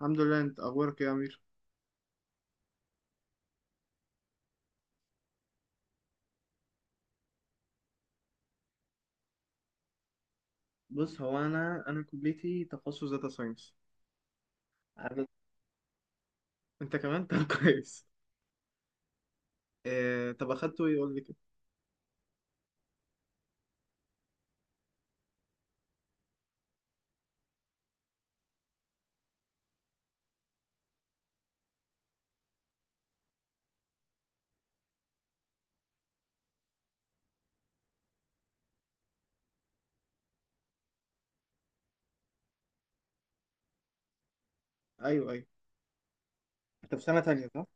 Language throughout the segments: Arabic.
الحمد لله، انت اخبارك إيه يا امير؟ بص، هو انا كليتي تخصص داتا ساينس. عدد، انت كمان. طب كويس. طب اخدته ايه قول لي كده. ايوه، ايوه. انت في سنه تانية صح؟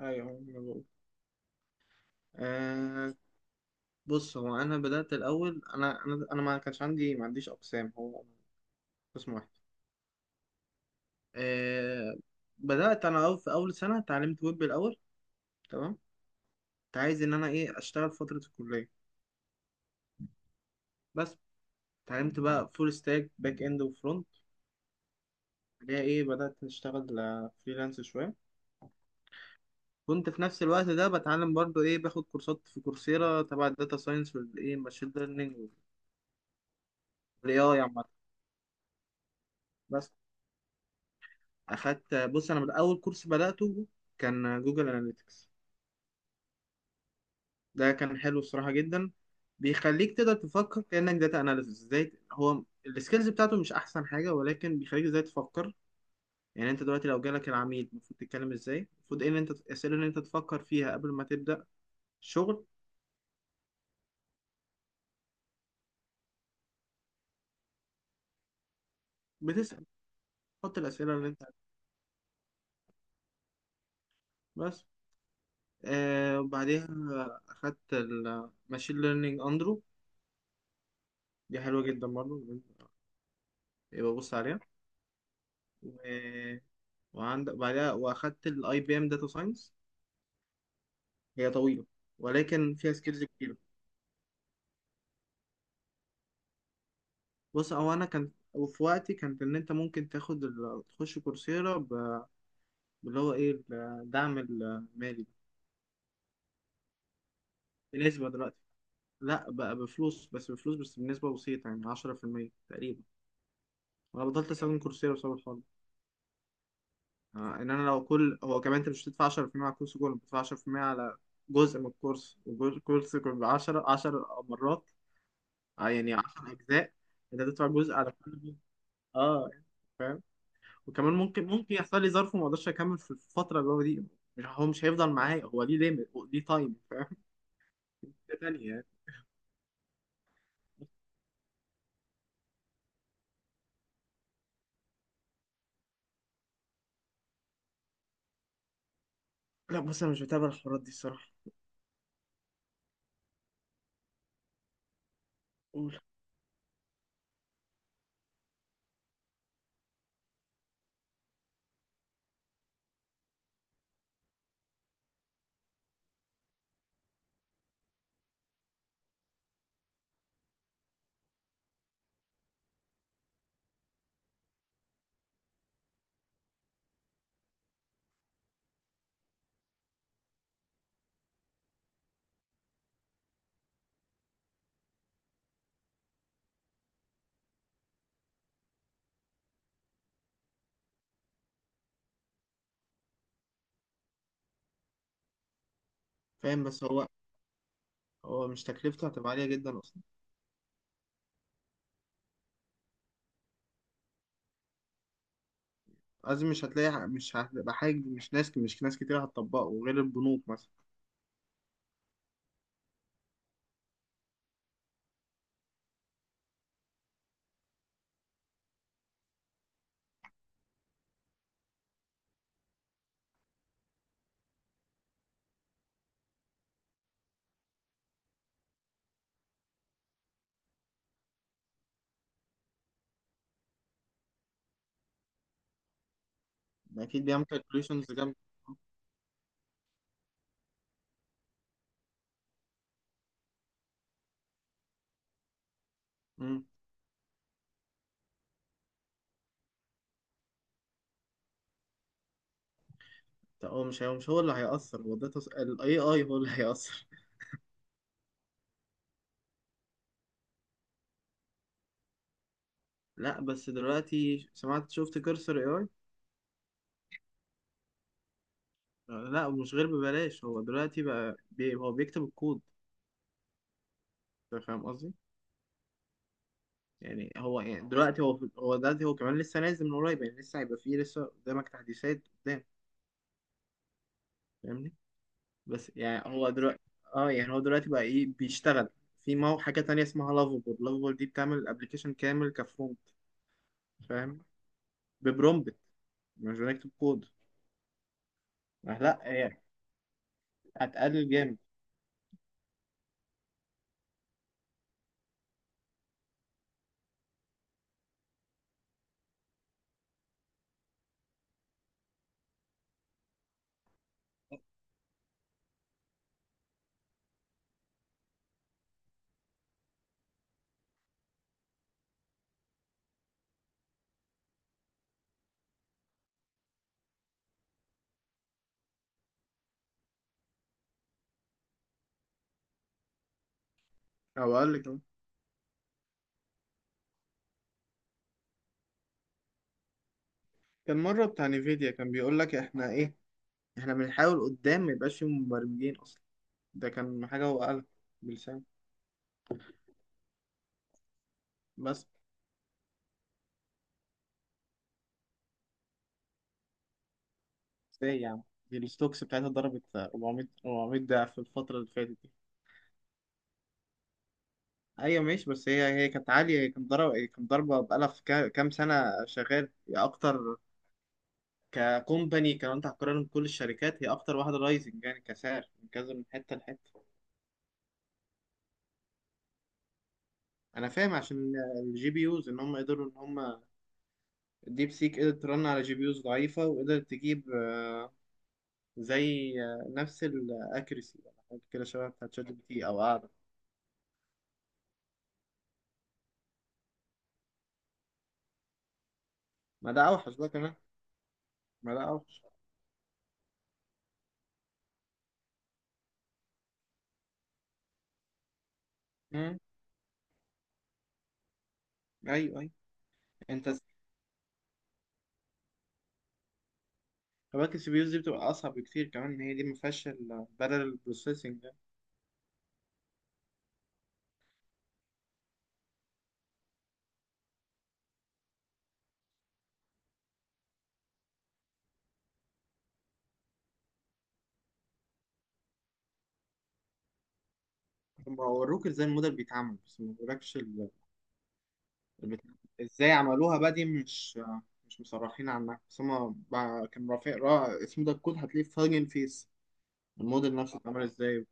ايوه، أنا بقول. آه... بص هو انا بدأت الاول، انا ما كانش عندي، ما عنديش اقسام، هو قسم واحد. آه... بدأت انا أول في اول سنة اتعلمت ويب الاول. تمام. كنت عايز ان انا اشتغل فترة الكلية. بس اتعلمت بقى فول ستاك باك اند وفرونت، اللي هي بدأت اشتغل فريلانس شوية. كنت في نفس الوقت ده بتعلم برضو باخد كورسات في كورسيرا تبع الداتا ساينس والايه ماشين ليرنينج والاي اي عامة. بس اخدت، بص، انا من اول كورس بدأته كان جوجل اناليتكس. ده كان حلو الصراحة جدا، بيخليك تقدر تفكر كأنك داتا اناليسيس ازاي. هو السكيلز بتاعته مش احسن حاجة، ولكن بيخليك ازاي تفكر يعني. انت دلوقتي لو جالك العميل، المفروض تتكلم ازاي، المفروض ايه اللي انت، الاسئلة اللي انت تفكر فيها قبل ما تبدأ الشغل. بتسأل، تحط الاسئلة اللي انت. بس وبعديها أخدت الماشين ليرنينج أندرو، دي حلوة جدا برضه، يبقى بص عليها. و... وعندك بعدها وأخدت الأي بي إم داتا ساينس، هي طويلة ولكن فيها سكيلز كتيرة. بص، هو أنا كان، وفي وقتي كانت إن أنت ممكن تاخد تخش كورسيرا باللي هو إيه الدعم المالي. بالنسبة دلوقتي لا، بقى بفلوس، بس بفلوس بس بنسبة بسيطة، يعني 10% تقريبا. أنا بطلت أستخدم كورسيرا بسبب الحوار. ان انا لو كل، هو كمان انت مش بتدفع 10% على الكورس كله، بتدفع 10% على جزء من الكورس، والكورس كله ب 10 مرات. يعني 10 اجزاء، انت تدفع جزء على كل جزء. اه فاهم. وكمان ممكن يحصل لي ظرف وما اقدرش اكمل في الفتره اللي هو دي، مش هيفضل معايا، هو ليه ليميت، ليه تايم، فاهم. ده تانية يعني. لا بص، انا مش بتابع الحوارات دي الصراحه. قول. فاهم، بس هو، هو مش تكلفته هتبقى عاليه جدا اصلا. لازم، مش هتلاقي، مش هتبقى حاجه، مش ناس كتير هتطبقه غير البنوك مثلا. اكيد بيعمل كالكوليشنز جنب. امم. طب هو، مش هو اللي هيأثر، هو ده ال AI هو اللي هيأثر. لا، بس دلوقتي شفت كرسر AI. لا مش غير ببلاش، هو دلوقتي بقى هو بيكتب الكود. أنت فاهم قصدي. يعني هو، يعني دلوقتي، هو دلوقتي هو كمان لسه نازل من قريب، يعني لسه هيبقى فيه، لسه قدامك تحديثات قدام. فاهمني. بس يعني هو دلوقتي، اه، يعني هو دلوقتي بقى بيشتغل. في حاجة تانية اسمها لافابول دي بتعمل الابلكيشن كامل كفرونت، فاهم. ببرومبت، مش بنكتب كود. ما لا يعني، هتقلل جامد. او اقل كمان. كان مره بتاع نيفيديا كان بيقول لك: احنا احنا بنحاول قدام ما يبقاش فيه مبرمجين اصلا. ده كان حاجه هو قالها بلسان. بس ازاي يعني؟ دي الستوكس بتاعتها ضربت 400 ضعف في الفتره اللي فاتت دي. ايوه ماشي، بس هي كانت عاليه، هي كانت ضربه بقالها في كام سنه شغال، هي اكتر ككومباني. كان، انت هتقارن كل الشركات، هي اكتر واحده رايزنج يعني كسعر من كذا من حته لحته. انا فاهم عشان الجي بي يوز، ان هم قدروا ان هم الديب سيك قدرت ترن على جي بي يوز ضعيفه وقدرت تجيب، زي نفس الاكريسي ولا حاجه كده شبه بتاعت شات جي بي تي او اعلى. ما ده اوحش بقى كمان. ما ده اوحش. امم. ايوه، ايوه. انت س- كمان السي بي يوز دي بتبقى اصعب بكتير، كمان ان هي دي ما فيهاش البارل بروسيسنج ده. هم وروك ازاي الموديل بيتعمل، بس ما وروكش البتاع. ازاي عملوها بقى دي، مش مش مصرحين عنها، بس هم كان رافع اسمه ده الكود، هتلاقيه في هاجن فيس، الموديل نفسه اتعمل ازاي.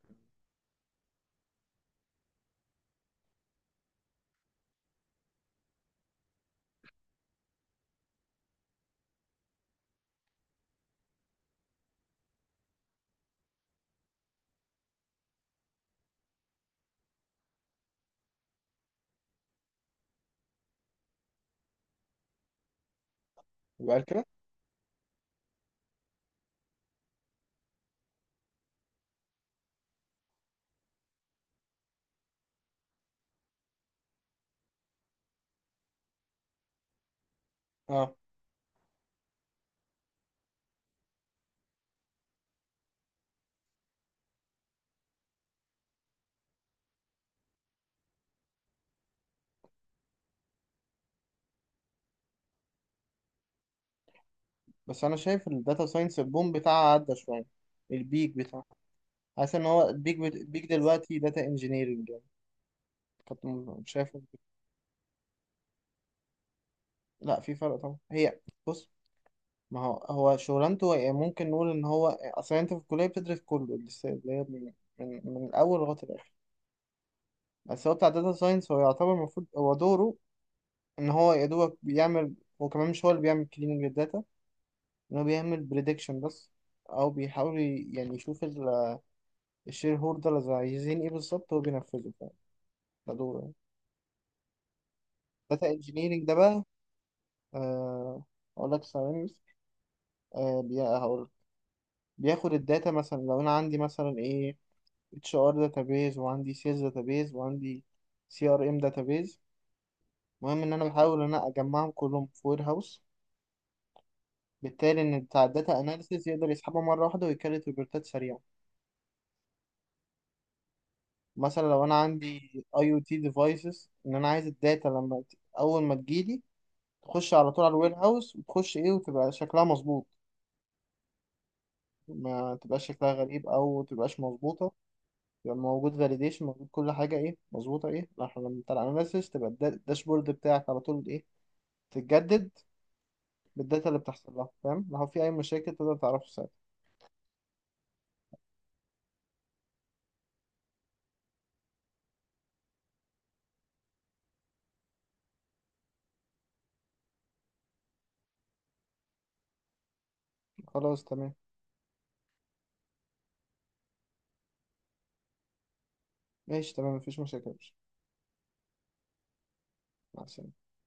يبقى كده. اه، بس انا شايف الداتا ساينس البوم بتاعها عدى شويه، البيك بتاعه. حاسس ان هو البيك دلوقتي داتا انجينيرنج يعني. كنت م- شايف ال- لا في فرق طبعا، هي، بص. ما هو، هو شغلانته يعني، ممكن نقول ان هو اصلا انت في الكليه بتدرس كله لسه، اللي هي من من الاول لغايه الاخر. بس هو بتاع داتا ساينس هو يعتبر المفروض هو دوره ان هو يا دوبك بيعمل، هو كمان مش هو اللي بيعمل كليننج للداتا، إن هو بيعمل بريدكشن بس. أو بيحاول يعني يشوف الشير هولدرز عايزين إيه بالظبط، هو بينفذه، فاهم. ده دوره يعني. داتا انجينيرنج ده بقى، آه أقول لك ثواني بس. هقول بياخد الداتا. مثلا لو أنا عندي مثلا اتش ار داتابيز، وعندي سيلز داتابيز، وعندي سي ار ام داتابيز. المهم إن أنا بحاول إن أنا أجمعهم كلهم في وير هاوس، بالتالي إن بتاع الداتا أناليسيز يقدر يسحبها مرة واحدة ويكرر ريبورتات سريعة. مثلا لو انا عندي اي او تي ديفايسز، ان انا عايز الداتا لما اول ما تجيلي تخش على طول على الوير هاوس، وتخش وتبقى شكلها مظبوط، ما تبقاش شكلها غريب او تبقاش مظبوطه. يبقى موجود فاليديشن، موجود كل حاجه مظبوطه، احنا لما بتاع الاناليسيس تبقى الداشبورد بتاعك على طول تتجدد بالداتا اللي بتحصل لها، فاهم. لو في اي مشاكل تقدر تعرفه ساعتها. خلاص، تمام. ماشي، تمام، مفيش مشاكل يا باشا. مع السلامه.